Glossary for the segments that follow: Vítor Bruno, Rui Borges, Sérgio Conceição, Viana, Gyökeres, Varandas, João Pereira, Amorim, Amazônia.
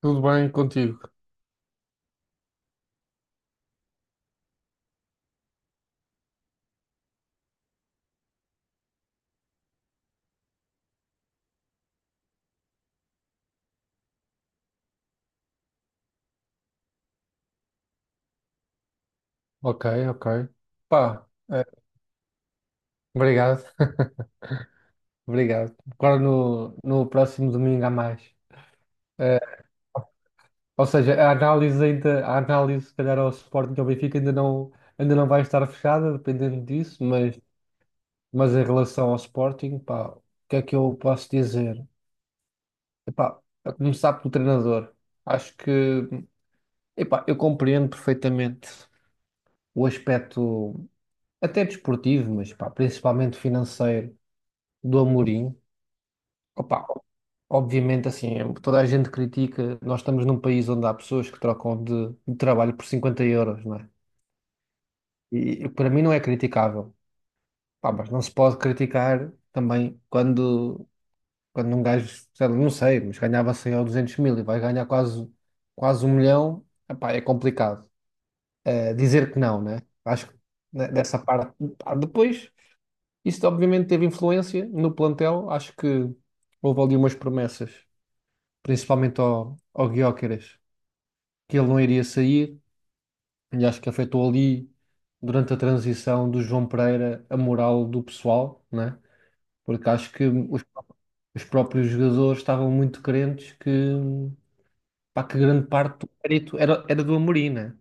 Tudo bem contigo? Ok, ok. Pá, obrigado, obrigado. Agora no próximo domingo há mais. Eh, ou seja, a análise, se calhar, ao Sporting e ao Benfica ainda não vai estar fechada, dependendo disso, mas em relação ao Sporting, pá, o que é que eu posso dizer? Epá, a começar pelo treinador. Acho que, epá, eu compreendo perfeitamente o aspecto, até desportivo, mas pá, principalmente financeiro, do Amorim. Opa, obviamente, assim, toda a gente critica. Nós estamos num país onde há pessoas que trocam de trabalho por 50 euros, não é? E para mim não é criticável. Pá, mas não se pode criticar também quando um gajo, sei lá, não sei, mas ganhava 100 ou 200 mil e vai ganhar quase um milhão. Epá, é complicado. Dizer que não, né? Acho que né, dessa parte. Pá, depois. Isso obviamente teve influência no plantel. Acho que houve ali umas promessas principalmente ao Gyökeres, que ele não iria sair, e acho que afetou ali, durante a transição do João Pereira, a moral do pessoal, né? Porque acho que os próprios jogadores estavam muito crentes que, pá, que grande parte do mérito era do Amorim, né?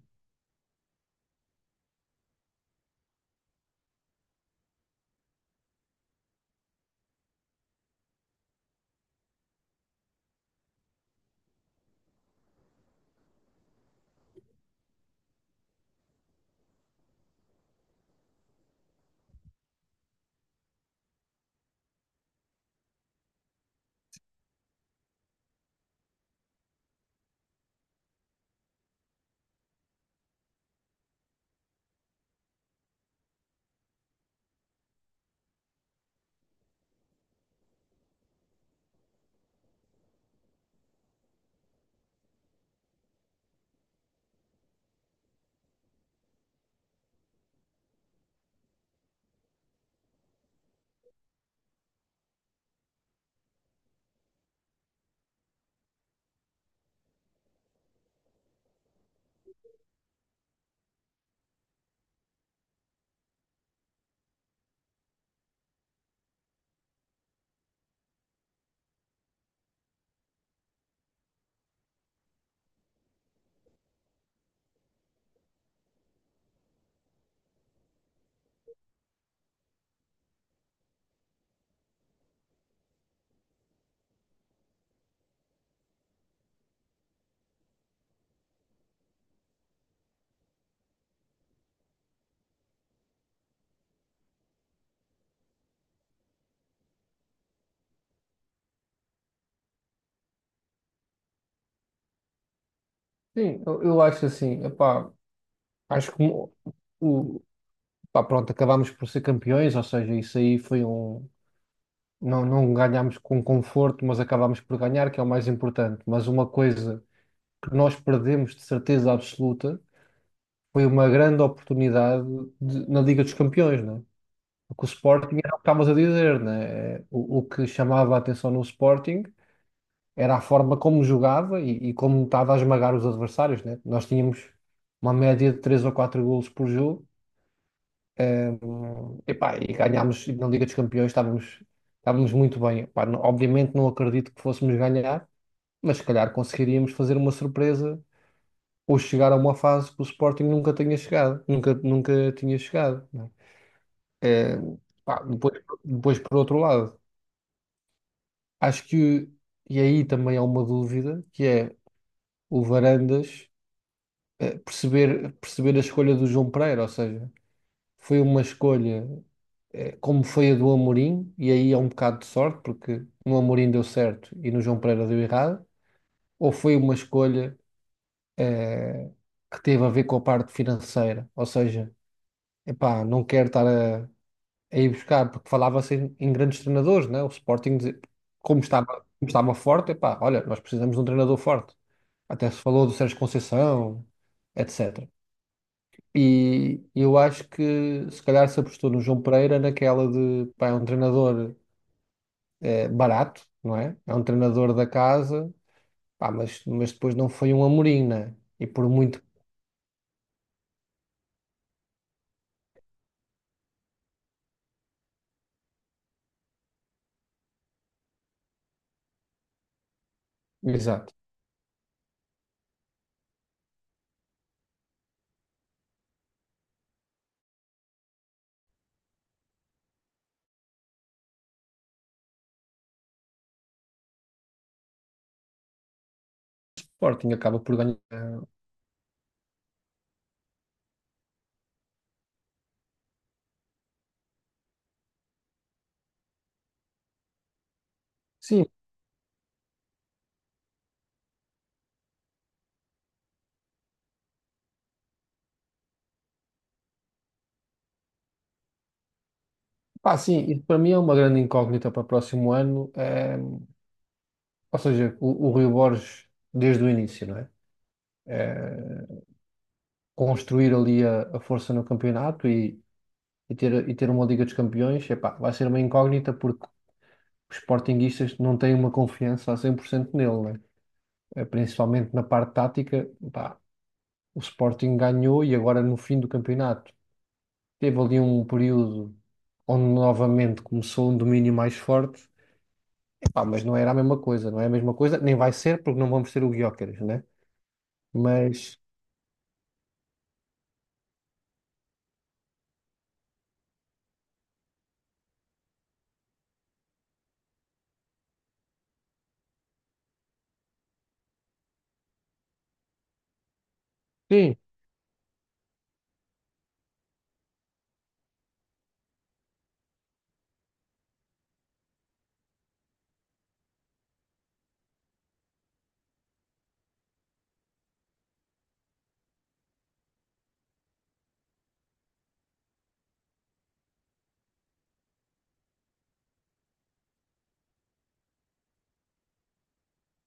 Sim, eu acho assim, epá, acho que o- pá, pronto, acabámos por ser campeões, ou seja, isso aí foi um. Não, não ganhámos com conforto, mas acabámos por ganhar, que é o mais importante. Mas uma coisa que nós perdemos de certeza absoluta foi uma grande oportunidade na Liga dos Campeões, né? Porque o Sporting era o que estavas a dizer, né? O que chamava a atenção no Sporting era a forma como jogava e como estava a esmagar os adversários, né? Nós tínhamos uma média de 3 ou 4 golos por jogo, eh, epá, e ganhámos na Liga dos Campeões, estávamos muito bem. Epá, obviamente não acredito que fôssemos ganhar, mas se calhar conseguiríamos fazer uma surpresa ou chegar a uma fase que o Sporting nunca tenha chegado, nunca tinha chegado, não é? Pá, depois, por outro lado, acho que, e aí também há uma dúvida, que é o Varandas perceber a escolha do João Pereira, ou seja, foi uma escolha como foi a do Amorim, e aí é um bocado de sorte, porque no Amorim deu certo e no João Pereira deu errado, ou foi uma escolha eh, que teve a ver com a parte financeira, ou seja, epá, não quero estar a ir buscar, porque falava-se em grandes treinadores, né? O Sporting, como estava, como estava forte, epá, olha, nós precisamos de um treinador forte. Até se falou do Sérgio Conceição, etc. E eu acho que se calhar se apostou no João Pereira naquela de, pá, é um treinador barato, não é? É um treinador da casa, pá, mas depois não foi um Amorim, né? E por muito. Exato. O Sporting acaba por ganhar. Sim, pá, sim, isso para mim é uma grande incógnita para o próximo ano. Ou seja, o Rui Borges, desde o início, não é? Eh, construir ali a força no campeonato e ter uma Liga dos Campeões, epá, vai ser uma incógnita porque os sportinguistas não têm uma confiança a 100% nele, não é? Principalmente na parte tática, pá, o Sporting ganhou e agora no fim do campeonato teve ali um período onde novamente começou um domínio mais forte. Pá, mas não era a mesma coisa, não é a mesma coisa, nem vai ser porque não vamos ter o Gyökeres, né? Mas sim,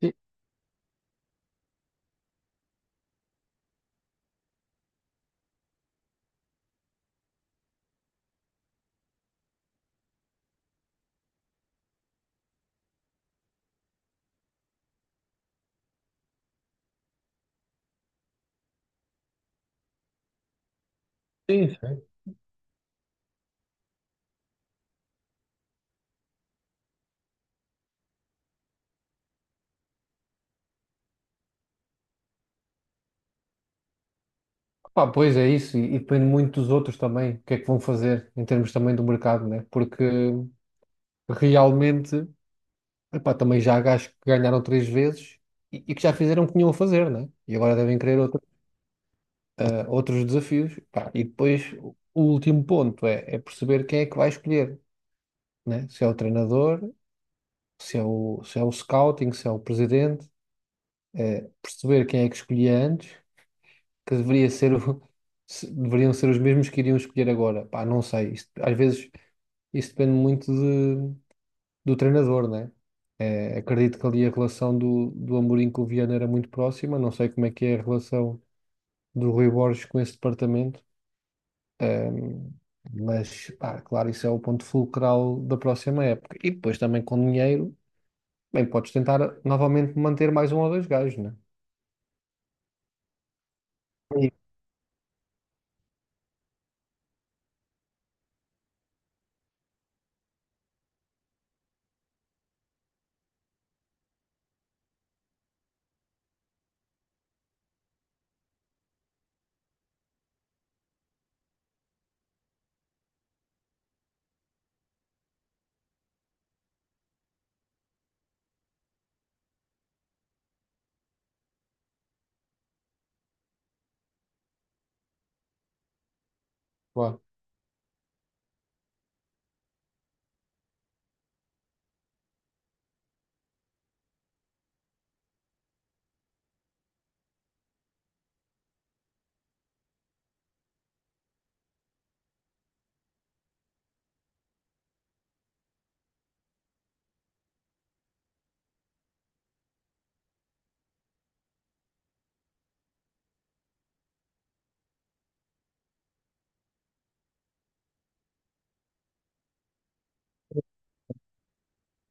sim, sim. Sim. Pá, pois é isso, e depende muito dos outros também, o que é que vão fazer em termos também do mercado, né? Porque realmente, epá, também já há gajos que ganharam 3 vezes e que já fizeram o que tinham a fazer, né? E agora devem querer outros desafios. Pá, e depois o último ponto é perceber quem é que vai escolher, né? Se é o treinador, se é o scouting, se é o presidente. Perceber quem é que escolhi antes, que deveria ser deveriam ser os mesmos que iriam escolher agora. Pá, não sei. Às vezes isso depende muito do treinador, né? Acredito que ali a relação do Amorim com o Viana era muito próxima. Não sei como é que é a relação do Rui Borges com esse departamento. Ehm, mas, pá, claro, isso é o ponto fulcral da próxima época. E depois também com dinheiro, bem, podes tentar novamente manter mais um ou dois gajos, né? Aí.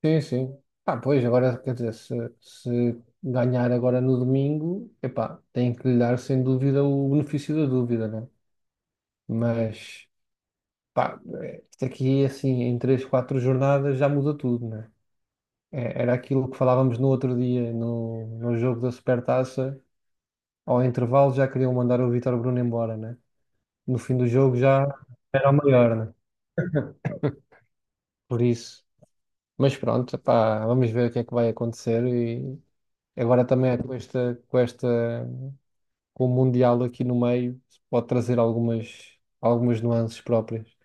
Sim, sim. Pá, pois, agora, quer dizer, se ganhar agora no domingo, epá, tem que lhe dar sem dúvida o benefício da dúvida, né? Mas, pá, é, isto aqui, assim, em 3, 4 jornadas já muda tudo, né? É, era aquilo que falávamos no outro dia, no jogo da Supertaça, ao intervalo já queriam mandar o Vítor Bruno embora, né? No fim do jogo já era o maior, né? Por isso. Mas pronto, epá, vamos ver o que é que vai acontecer e agora também é com esta, com esta. Com o Mundial aqui no meio, pode trazer algumas nuances próprias.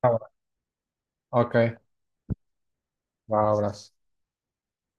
Tá bom. Ok, vá, abraço.